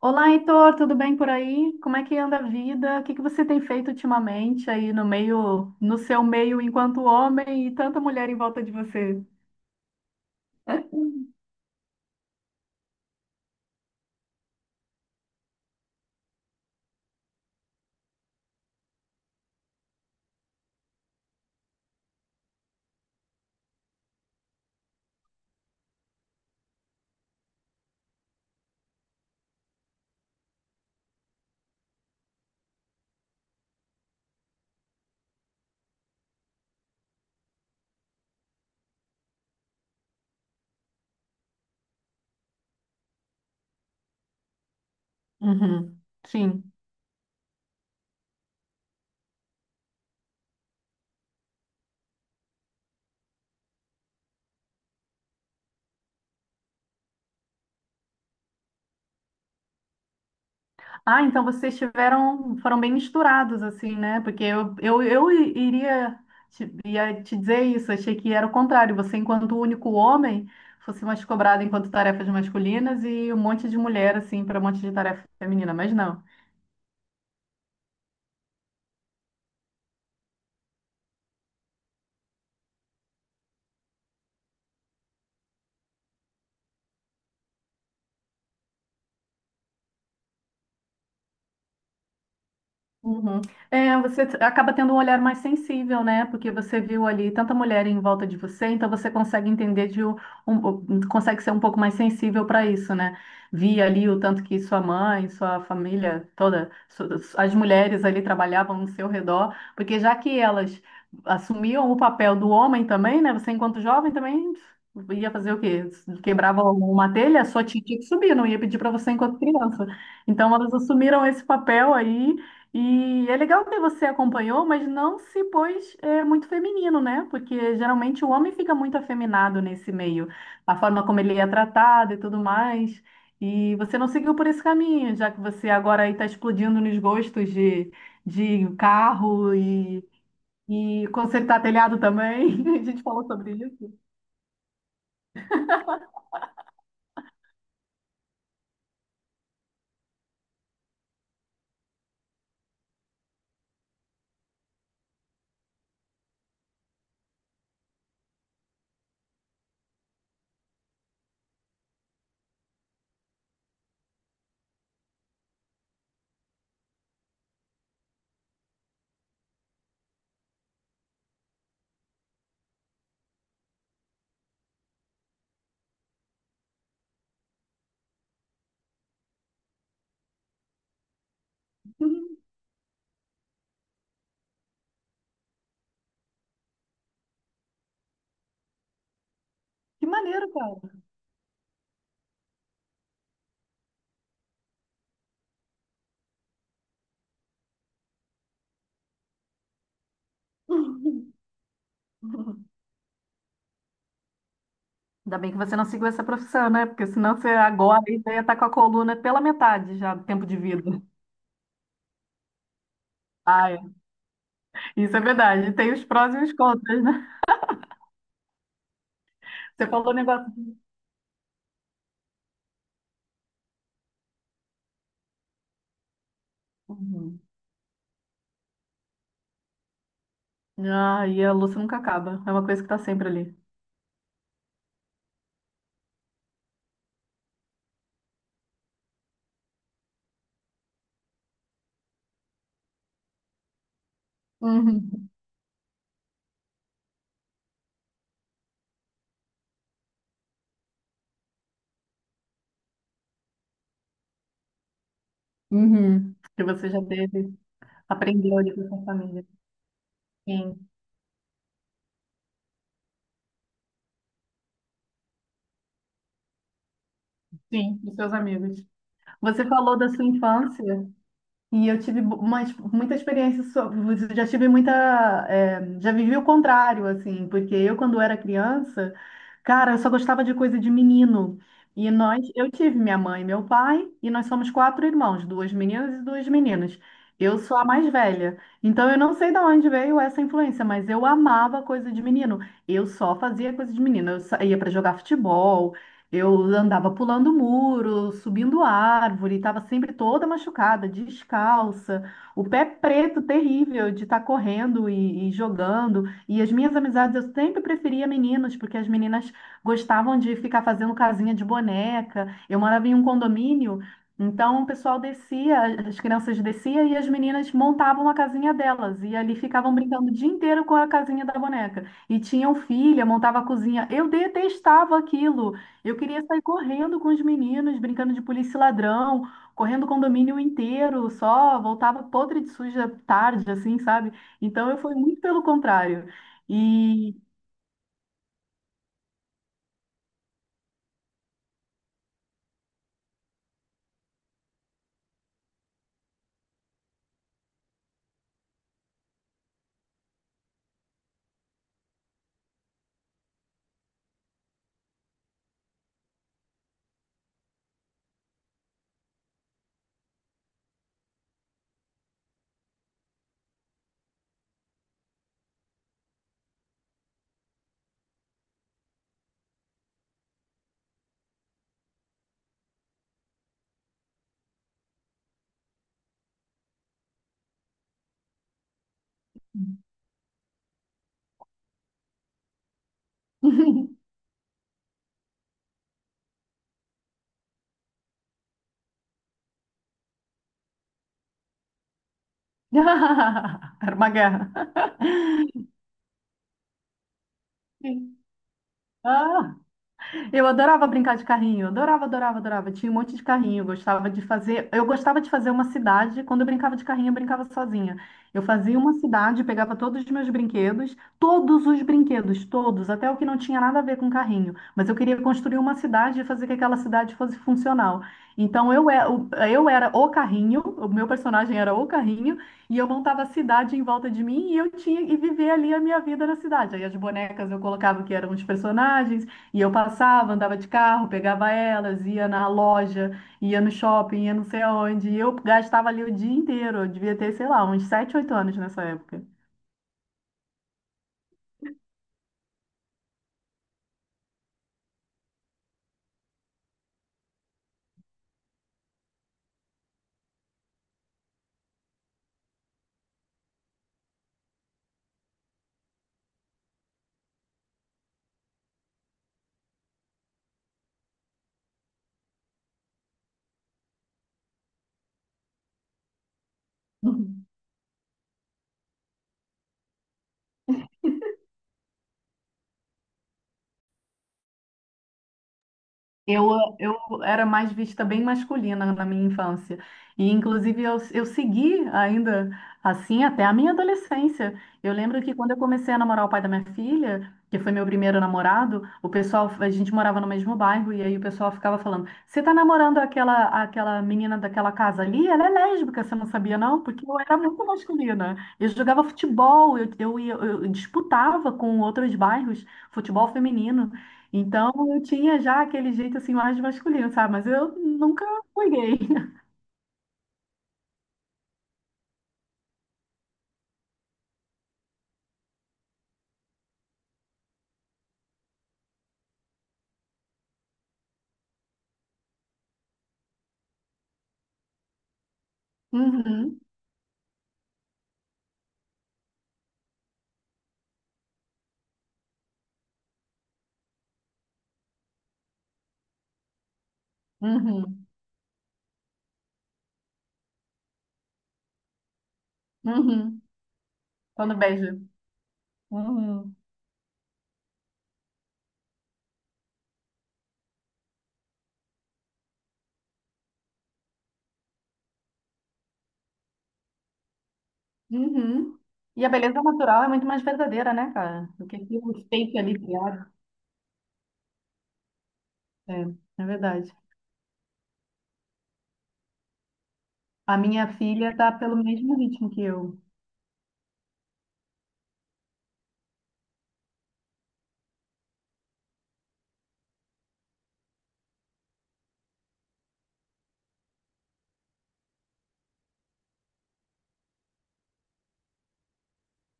Olá, Heitor, tudo bem por aí? Como é que anda a vida? O que que você tem feito ultimamente aí no meio, no seu meio enquanto homem e tanta mulher em volta de você? Uhum. Sim. Ah, então vocês tiveram, foram bem misturados assim, né? Porque eu iria ia te dizer isso, achei que era o contrário. Você, enquanto único homem, fosse mais cobrado enquanto tarefas masculinas e um monte de mulher assim para um monte de tarefa feminina, mas não. Uhum. Você acaba tendo um olhar mais sensível, né? Porque você viu ali tanta mulher em volta de você, então você consegue entender de um, consegue ser um pouco mais sensível para isso, né? Vi ali o tanto que sua mãe, sua família toda, as mulheres ali trabalhavam no seu redor, porque já que elas assumiam o papel do homem também, né? Você enquanto jovem também ia fazer o quê? Quebrava uma telha, sua tia tinha que subir, não ia pedir para você enquanto criança. Então elas assumiram esse papel aí e é legal que você acompanhou, mas não se pôs muito feminino, né? Porque geralmente o homem fica muito afeminado nesse meio, a forma como ele é tratado e tudo mais. E você não seguiu por esse caminho, já que você agora aí está explodindo nos gostos de carro e consertar telhado também. A gente falou sobre isso. Que maneiro, cara. Ainda bem que você não seguiu essa profissão, né? Porque senão você agora aí já ia estar com a coluna pela metade já do tempo de vida. Ai, isso é verdade. Tem os prós e os contras, né? Você falou um negócio. Uhum. Ah, e a louça nunca acaba. É uma coisa que tá sempre ali. Uhum. Uhum. Que você já teve, aprendeu ali com a sua família. Sim, sim, com seus amigos. Você falou da sua infância. E eu tive uma, muita experiência sobre, já tive muita, já vivi o contrário, assim, porque eu, quando era criança, cara, eu só gostava de coisa de menino. E nós, eu tive minha mãe e meu pai, e nós somos quatro irmãos, duas meninas e duas meninas. Eu sou a mais velha. Então eu não sei de onde veio essa influência, mas eu amava coisa de menino. Eu só fazia coisa de menino. Eu ia para jogar futebol, eu andava pulando muro, subindo árvore, estava sempre toda machucada, descalça, o pé preto terrível de estar correndo e jogando. E as minhas amizades eu sempre preferia meninos, porque as meninas gostavam de ficar fazendo casinha de boneca. Eu morava em um condomínio, então o pessoal descia, as crianças desciam e as meninas montavam a casinha delas. E ali ficavam brincando o dia inteiro com a casinha da boneca. E tinham filha, montava a cozinha. Eu detestava aquilo. Eu queria sair correndo com os meninos, brincando de polícia e ladrão, correndo o condomínio inteiro, só voltava podre de suja tarde, assim, sabe? Então eu fui muito pelo contrário. E. Era uma guerra. Sim. Ah, eu adorava brincar de carrinho, adorava, adorava, adorava. Tinha um monte de carrinho, eu gostava de fazer. Eu gostava de fazer uma cidade. Quando eu brincava de carrinho, eu brincava sozinha. Eu fazia uma cidade, pegava todos os meus brinquedos, todos os brinquedos, todos, até o que não tinha nada a ver com carrinho. Mas eu queria construir uma cidade e fazer que aquela cidade fosse funcional. Então eu, eu era o carrinho, o meu personagem era o carrinho, e eu montava a cidade em volta de mim e eu tinha e vivia ali a minha vida na cidade. Aí as bonecas eu colocava que eram os personagens. E eu passava, andava de carro, pegava elas, ia na loja, ia no shopping, ia não sei aonde. E eu gastava ali o dia inteiro. Eu devia ter, sei lá, uns 7 8 anos nessa época. Eu, eu era mais vista bem masculina na minha infância. E, inclusive, eu segui ainda assim até a minha adolescência. Eu lembro que quando eu comecei a namorar o pai da minha filha, que foi meu primeiro namorado, o pessoal, a gente morava no mesmo bairro, e aí o pessoal ficava falando: "Você tá namorando aquela menina daquela casa ali? Ela é lésbica, você não sabia, não?" Porque eu era muito masculina. Eu jogava futebol, eu disputava com outros bairros futebol feminino. Então eu tinha já aquele jeito assim mais masculino, sabe? Mas eu nunca fui gay. Uhum, uhum, uhum. Quando beija. Uhum, uhum. E a beleza natural é muito mais verdadeira, né, cara? Do que aquilo fake ali criado. É, é verdade. A minha filha tá pelo mesmo ritmo que eu.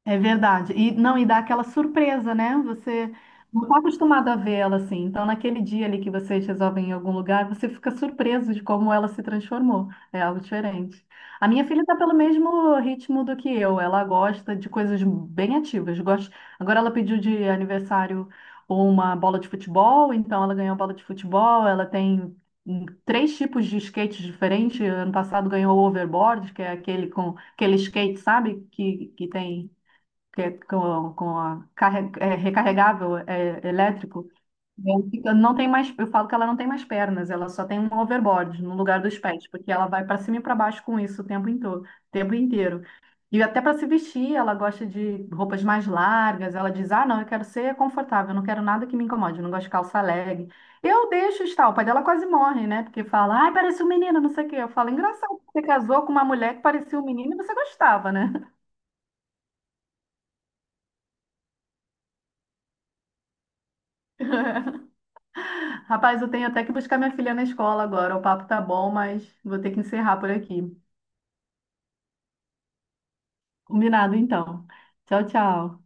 É verdade. E não, e dá aquela surpresa, né? Você não está acostumado a vê-la assim. Então, naquele dia ali que vocês resolvem ir em algum lugar, você fica surpreso de como ela se transformou. É algo diferente. A minha filha está pelo mesmo ritmo do que eu. Ela gosta de coisas bem ativas. Gosta... Agora ela pediu de aniversário uma bola de futebol, então ela ganhou a bola de futebol. Ela tem três tipos de skates diferentes. Ano passado ganhou o overboard, que é aquele com aquele skate, sabe? Que tem que é com a recarregável elétrico, não tem mais, eu falo que ela não tem mais pernas, ela só tem um overboard no lugar dos pés, porque ela vai para cima e para baixo com isso o tempo inteiro, tempo inteiro. E até para se vestir, ela gosta de roupas mais largas, ela diz: "Ah, não, eu quero ser confortável, eu não quero nada que me incomode, eu não gosto de calça leg". Eu deixo estar, o pai dela quase morre, né? Porque fala: "Ai, parece um menino, não sei o quê". Eu falo: "Engraçado, você casou com uma mulher que parecia um menino e você gostava, né?" Rapaz, eu tenho até que buscar minha filha na escola agora. O papo tá bom, mas vou ter que encerrar por aqui. Combinado, então. Tchau, tchau.